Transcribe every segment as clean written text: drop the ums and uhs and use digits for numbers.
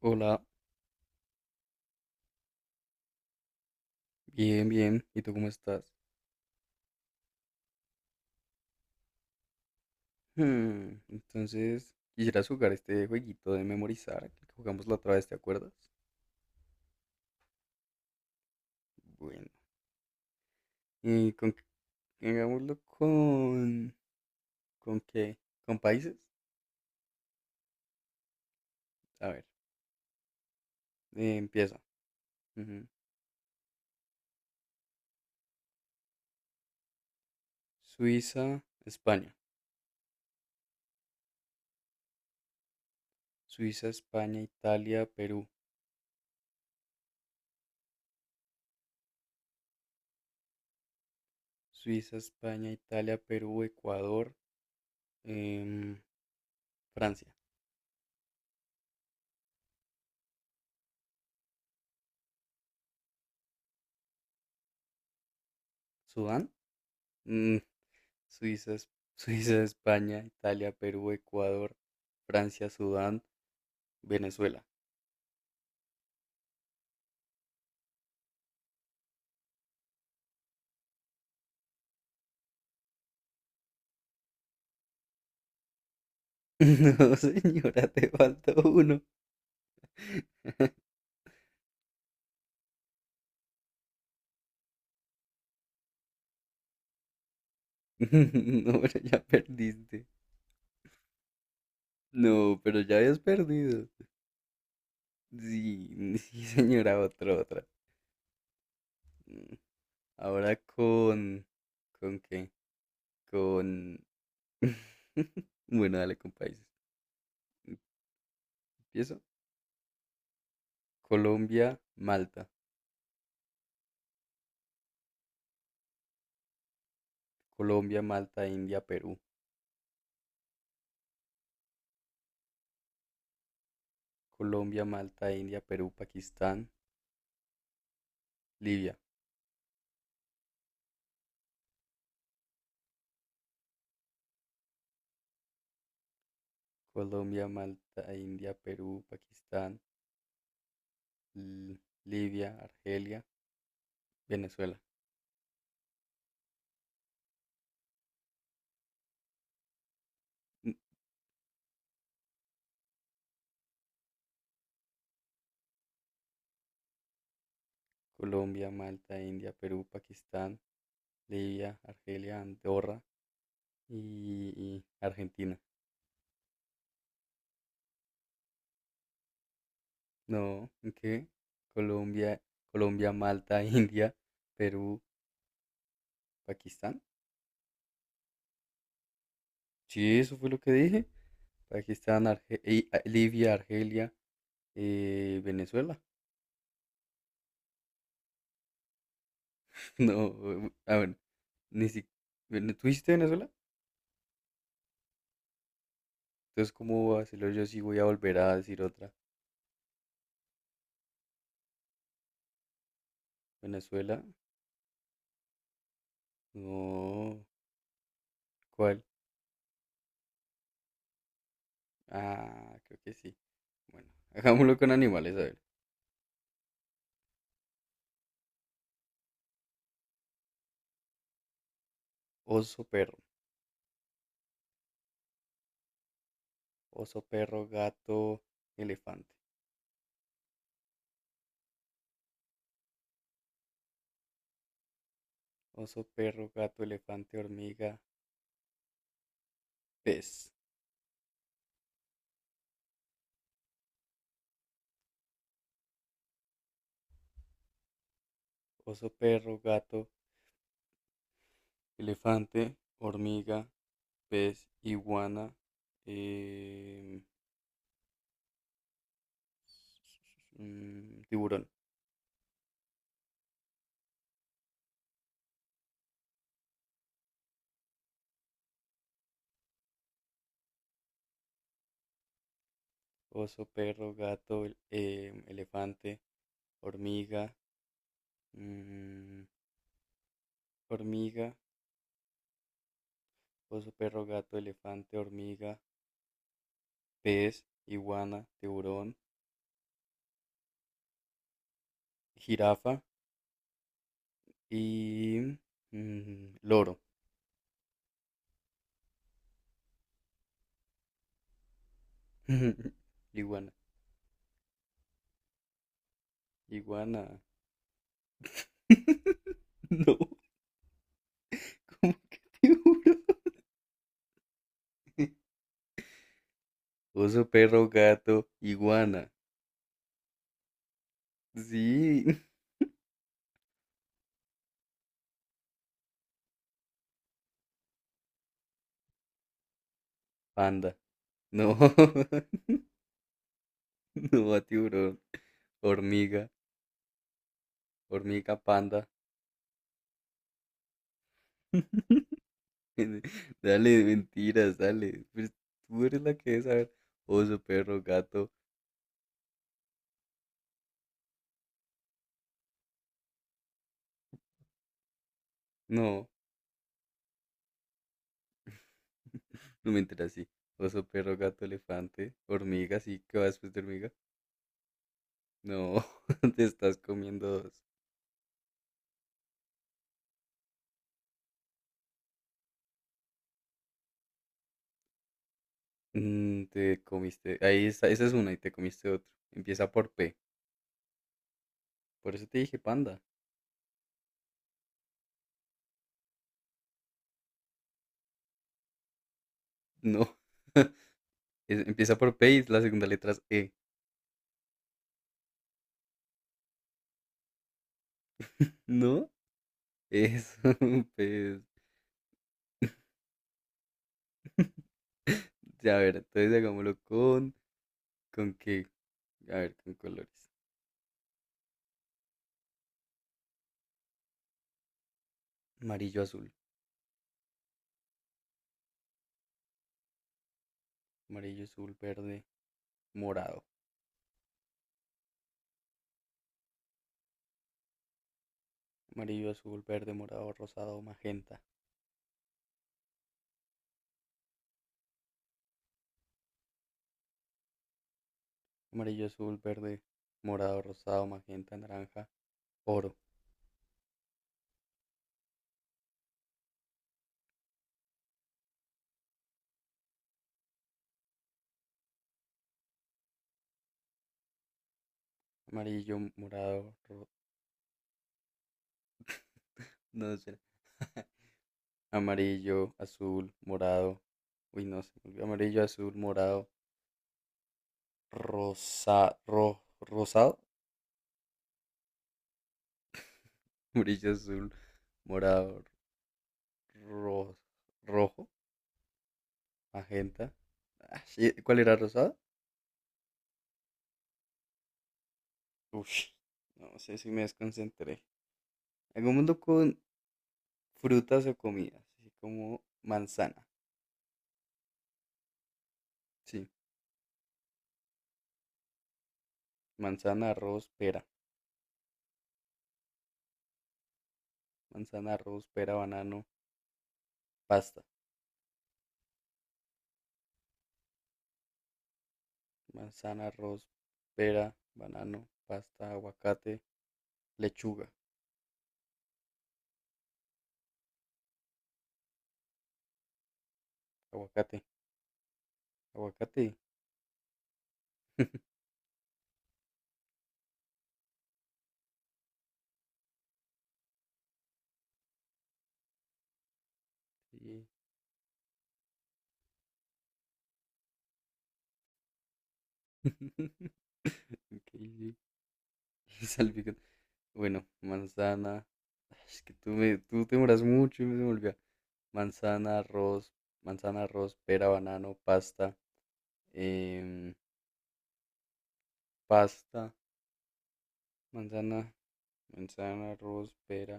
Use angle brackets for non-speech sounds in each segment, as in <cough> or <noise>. Hola, bien, bien. ¿Y tú cómo estás? Entonces, ¿quisieras jugar este jueguito de memorizar que jugamos la otra vez, ¿te acuerdas? Bueno, ¿y con qué- hagámoslo con... ¿Con qué? ¿Con países? A ver, empieza. Ujú. Suiza, España. Suiza, España, Italia, Perú. Suiza, España, Italia, Perú, Ecuador, em, Francia. ¿Sudán? <laughs> Suiza, Suiza, España, Italia, Perú, Ecuador, Francia, Sudán, Venezuela. <laughs> No, señora, te falta uno. <laughs> No, pero ya perdiste. No, pero ya habías perdido. Sí, <laughs> sí, señora, otra, otra. Mm, Ahora con... ¿Con qué? Con... <laughs> Bueno, dale con países. Empiezo. Colombia, Malta. Colombia, Malta, India, Perú. Colombia, Malta, India, Perú, Pakistán. Libia, Colombia, Malta, India, Perú, Pakistán, L- Libia, Argelia, Venezuela. N- Colombia, Malta, India, Perú, Pakistán, Libia, Argelia, Andorra y Argentina. No, ¿qué? Colombia, Colombia, Malta, <laughs> India, Perú, Pakistán. Sí, eso fue lo que dije. Pakistán, Libia, Argelia, Venezuela. <laughs> No, a ver, ni si... ¿Tú dijiste Venezuela? Entonces, ¿cómo va a hacerlo yo si voy a volver a decir otra? ¿Venezuela? No. ¿Cuál? Ah, creo que sí. Bueno, <laughs> hagámoslo con animales, a ver. Oso, perro. Oso, perro, gato, elefante. Oso, perro, gato, elefante, hormiga, pez. Oso, perro, gato, elefante, hormiga, pez, iguana, eh, <laughs> tiburón. Oso, perro, gato, elefante, hormiga, mm, hormiga, oso, perro, gato, elefante, hormiga, pez, iguana, tiburón, jirafa y loro. <laughs> Iguana, iguana. <laughs> No, ¿cómo que tiburón? <laughs> Oso, perro, gato, iguana. Sí, panda. No, <laughs> no, tiburón. Hormiga, hormiga, panda. <laughs> <laughs> Dale, mentiras, dale. Pues tú eres la que debe saber. Oso, perro, gato. No, <laughs> no me enteras así. Oso, perro, gato, elefante, hormiga, sí, qué vas después de hormiga. No, <laughs> te estás comiendo dos. Mm, te comiste. Ahí está, esa es una y te comiste otro. Empieza por P. Por eso te dije panda. No. <laughs> Empieza por P y la segunda letra es E. No, eso, <laughs> pues. Ya, a ver, entonces hagámoslo con. ¿Con qué? A ver, con colores. Amarillo, azul. Amarillo, azul, verde, morado. Amarillo, azul, verde, morado, rosado, magenta. Amarillo, azul, verde, morado, rosado, magenta, naranja, oro. Amarillo, morado, no, no sé. <laughs> Amarillo, azul, morado. Uy, no se me olvidó. Amarillo, azul, morado, rosa, rosado. <laughs> Amarillo, azul, morado, ro- rojo, magenta. Ah, sí, ¿cuál era rosado? Ush, no sé si me desconcentré. Algún mundo con frutas o comidas, así como manzana. Sí, manzana, arroz, pera. Manzana, arroz, pera, banano, pasta. Manzana, arroz, pera, banano, pasta, aguacate, lechuga, aguacate, aguacate. <laughs> Sí. <laughs> Ok, sí. <laughs> Salpicón. Bueno, manzana. Ay, es que tú, tú te demoras mucho y me se me olvida. Manzana, arroz, manzana, arroz, pera, banano, pasta, em, pasta, manzana, manzana, arroz, pera,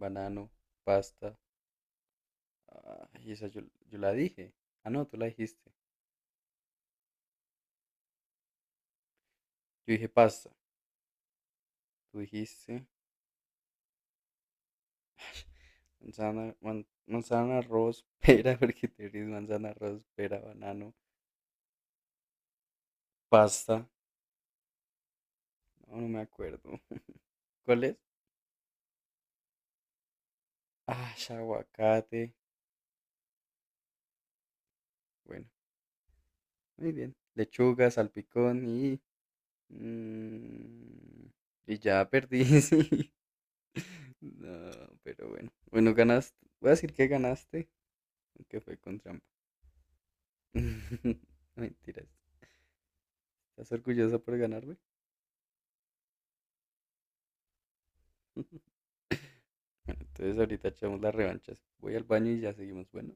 banano, pasta. Ay, esa yo la dije. Ah, no, tú la dijiste. Yo dije pasta. Tú dijiste manzana, manzana, arroz, pera, <laughs> porque te ríes, manzana, arroz, pera, banano, pasta. No, no me acuerdo. <laughs> ¿Cuál es? Ah, aguacate. Bueno, muy bien. Lechuga, salpicón Mm, y ya perdí, <laughs> sí. No, pero bueno. Bueno, ganaste. Voy a decir que ganaste, aunque fue con trampa. <laughs> Mentiras. ¿Estás orgullosa por ganarme? <laughs> Bueno, entonces ahorita echamos las revanchas. Voy al baño y ya seguimos. Bueno.